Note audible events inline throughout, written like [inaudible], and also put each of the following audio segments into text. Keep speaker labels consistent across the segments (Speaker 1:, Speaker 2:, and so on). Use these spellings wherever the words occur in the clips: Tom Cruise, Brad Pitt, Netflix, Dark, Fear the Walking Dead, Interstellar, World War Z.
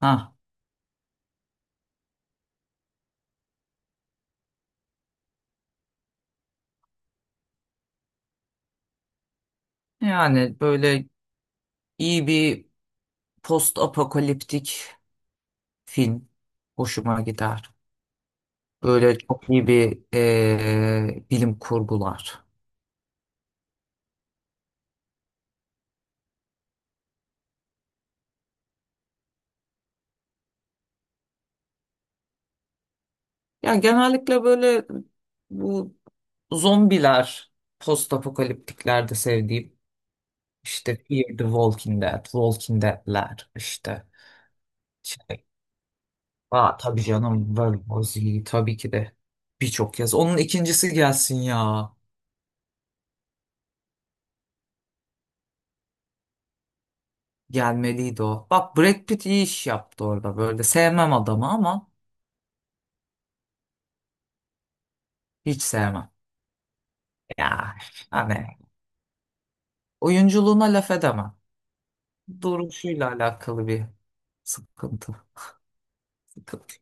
Speaker 1: Ha, yani böyle iyi bir post apokaliptik film hoşuma gider. Böyle çok iyi bir bilim kurgular. Ya genellikle böyle bu zombiler post apokaliptiklerde sevdiğim. İşte Fear the Walking Dead, Walking Dead'ler işte. Şey, tabii canım World War Z tabii ki de birçok kez. Onun ikincisi gelsin ya. Gelmeliydi o. Bak Brad Pitt iyi iş yaptı orada böyle. Sevmem adamı ama hiç sevmem. Ya hani oyunculuğuna laf edemem. Duruşuyla alakalı bir sıkıntı. sıkıntı.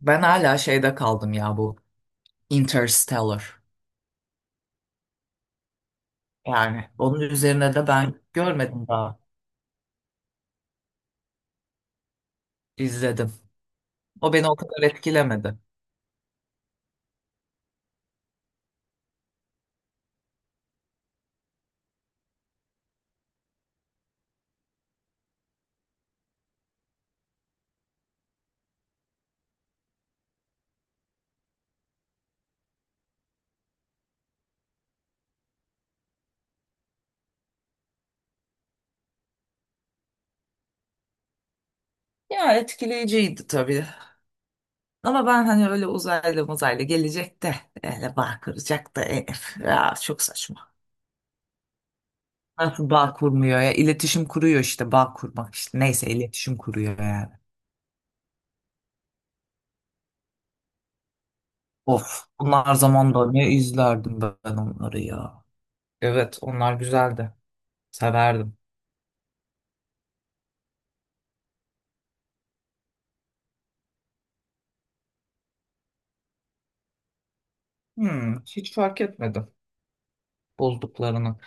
Speaker 1: Ben hala şeyde kaldım ya bu Interstellar. Yani onun üzerine de ben görmedim daha. İzledim. O beni o kadar etkilemedi. Ya etkileyiciydi tabii. Ama ben hani öyle uzaylı muzaylı gelecek de öyle bağ kıracak da ya çok saçma. Nasıl bağ kurmuyor ya? İletişim kuruyor işte bağ kurmak işte. Neyse iletişim kuruyor yani. Of bunlar zamanda ne izlerdim ben onları ya. Evet onlar güzeldi. Severdim. Hmm, hiç fark etmedim bozduklarını.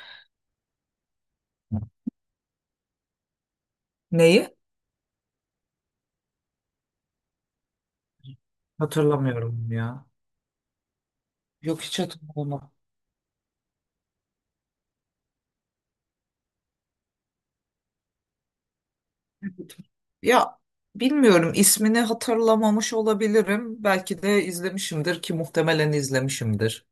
Speaker 1: Neyi? Hatırlamıyorum ya. Yok hiç hatırlamam. Ya bilmiyorum ismini hatırlamamış olabilirim. Belki de izlemişimdir ki muhtemelen izlemişimdir.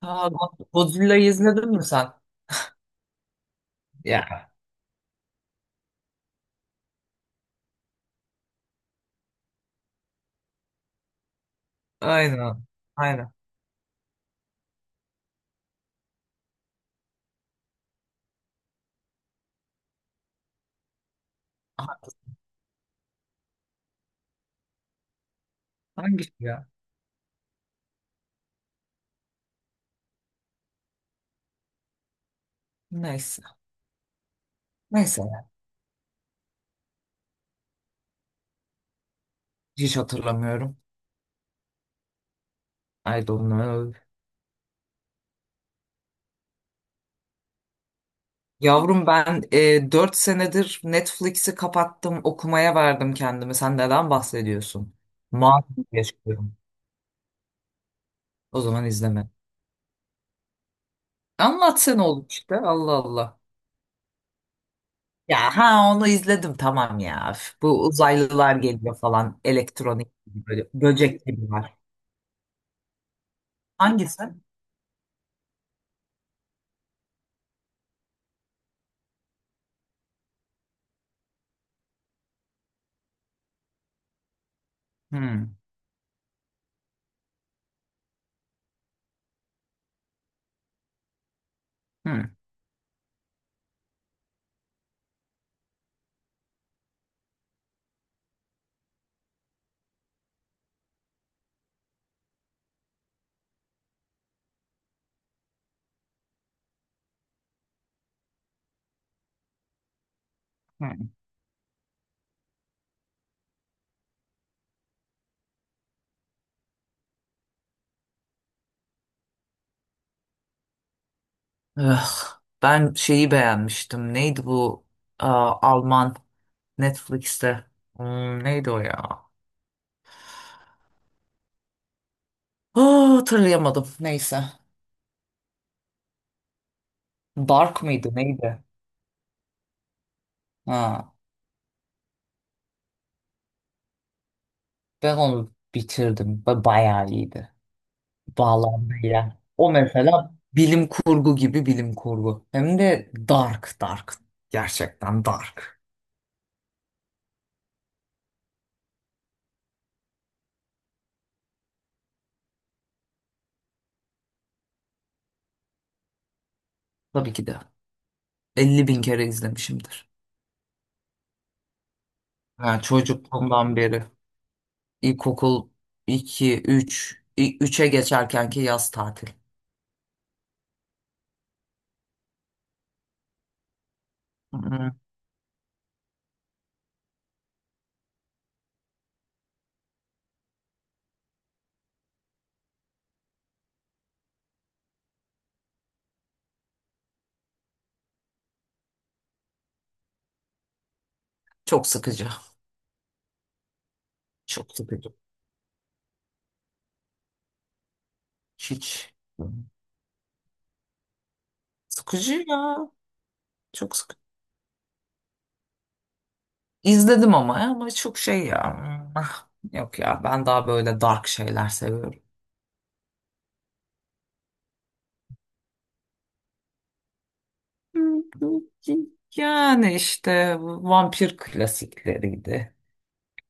Speaker 1: Ha, Godzilla'yı izledin mi sen? Ya. Aynen. Aynen. Hangisi ya? Neyse. Neyse. Hiç hatırlamıyorum. I don't know. Yavrum ben 4 senedir Netflix'i kapattım. Okumaya verdim kendimi. Sen neden bahsediyorsun? Mağdur yaşıyorum. O zaman izleme. Anlatsana oğlum işte. Allah Allah. Ya ha onu izledim tamam ya. Üf, bu uzaylılar geliyor falan. Elektronik gibi böyle böcek gibi var. Hangisi? Hmm, hmm, hmm. Ugh, ben şeyi beğenmiştim. Neydi bu? Aa, Alman. Netflix'te. Neydi o ya? Aa, hatırlayamadım. Neyse. Dark mıydı neydi? Ha, ben onu bitirdim. Bayağı iyiydi. Bağlamıyla. O mesela bilim kurgu gibi bilim kurgu. Hem de dark dark. Gerçekten dark. Tabii ki de. 50.000 kere izlemişimdir. Ha, çocukluğumdan beri. İlkokul 2, 3, 3'e geçerkenki yaz tatil. Hı hı. Çok sıkıcı. Çok sıkıcı. Hiç. Sıkıcı ya. Çok sıkıcı. İzledim ama ya, ama çok şey ya. Ah, yok ya ben daha böyle dark şeyler seviyorum. [laughs] Yani işte vampir klasikleriydi.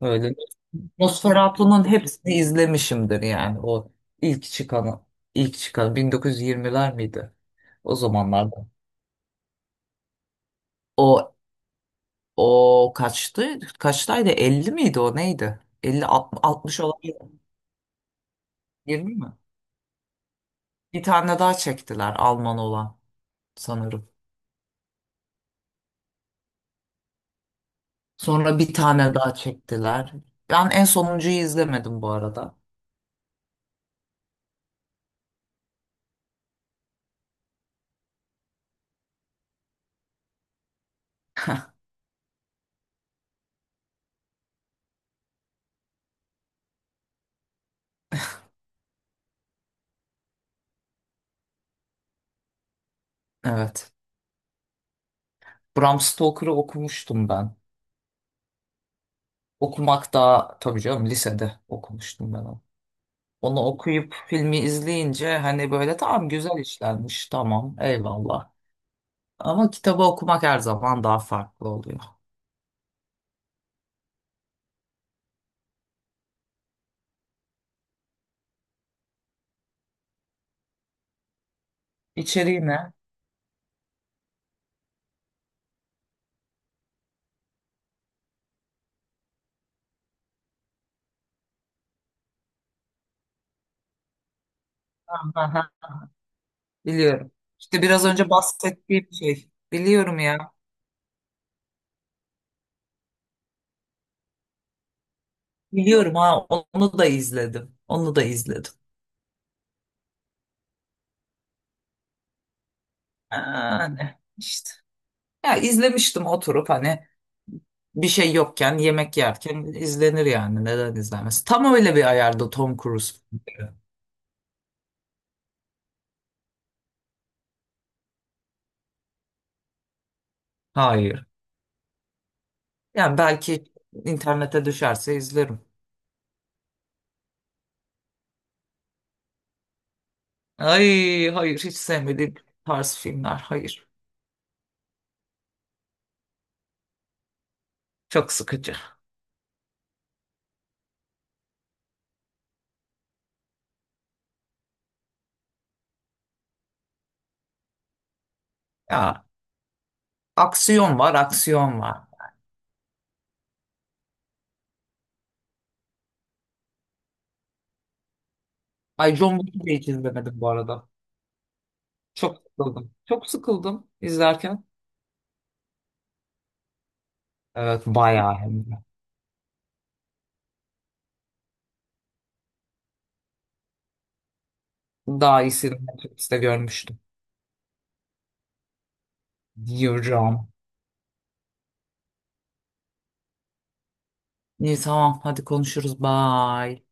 Speaker 1: Böyle Nosferatu'nun hepsini izlemişimdir yani o ilk çıkanı ilk çıkan 1920'ler miydi? O zamanlarda. O o kaçtı? Kaçtaydı? 50 miydi o neydi? 50 60 olan yirmi mi? Bir tane daha çektiler Alman olan sanırım. Sonra bir tane daha çektiler. Ben en sonuncuyu izlemedim bu arada. [laughs] Evet. Bram Stoker'ı okumuştum ben. Okumak daha tabii canım lisede okumuştum ben onu. Onu okuyup filmi izleyince hani böyle tamam güzel işlenmiş tamam eyvallah. Ama kitabı okumak her zaman daha farklı oluyor. İçeriği ne? Aha, biliyorum. İşte biraz önce bahsettiğim şey. Biliyorum ya. Biliyorum ha onu da izledim. Onu da izledim. Yani işte. Ya izlemiştim oturup hani bir şey yokken yemek yerken izlenir yani neden izlenmez. Tam öyle bir ayarda Tom Cruise filmleri. Hayır. Yani belki internete düşerse izlerim. Ay hayır hiç sevmediğim tarz filmler hayır. Çok sıkıcı. Ya aksiyon var aksiyon var. Ay John Wick'i de hiç izlemedim bu arada. Çok sıkıldım. Çok sıkıldım izlerken. Evet bayağı hem de. Daha iyisini Netflix'te görmüştüm. Yürüyorum. İyi tamam hadi konuşuruz. Bye.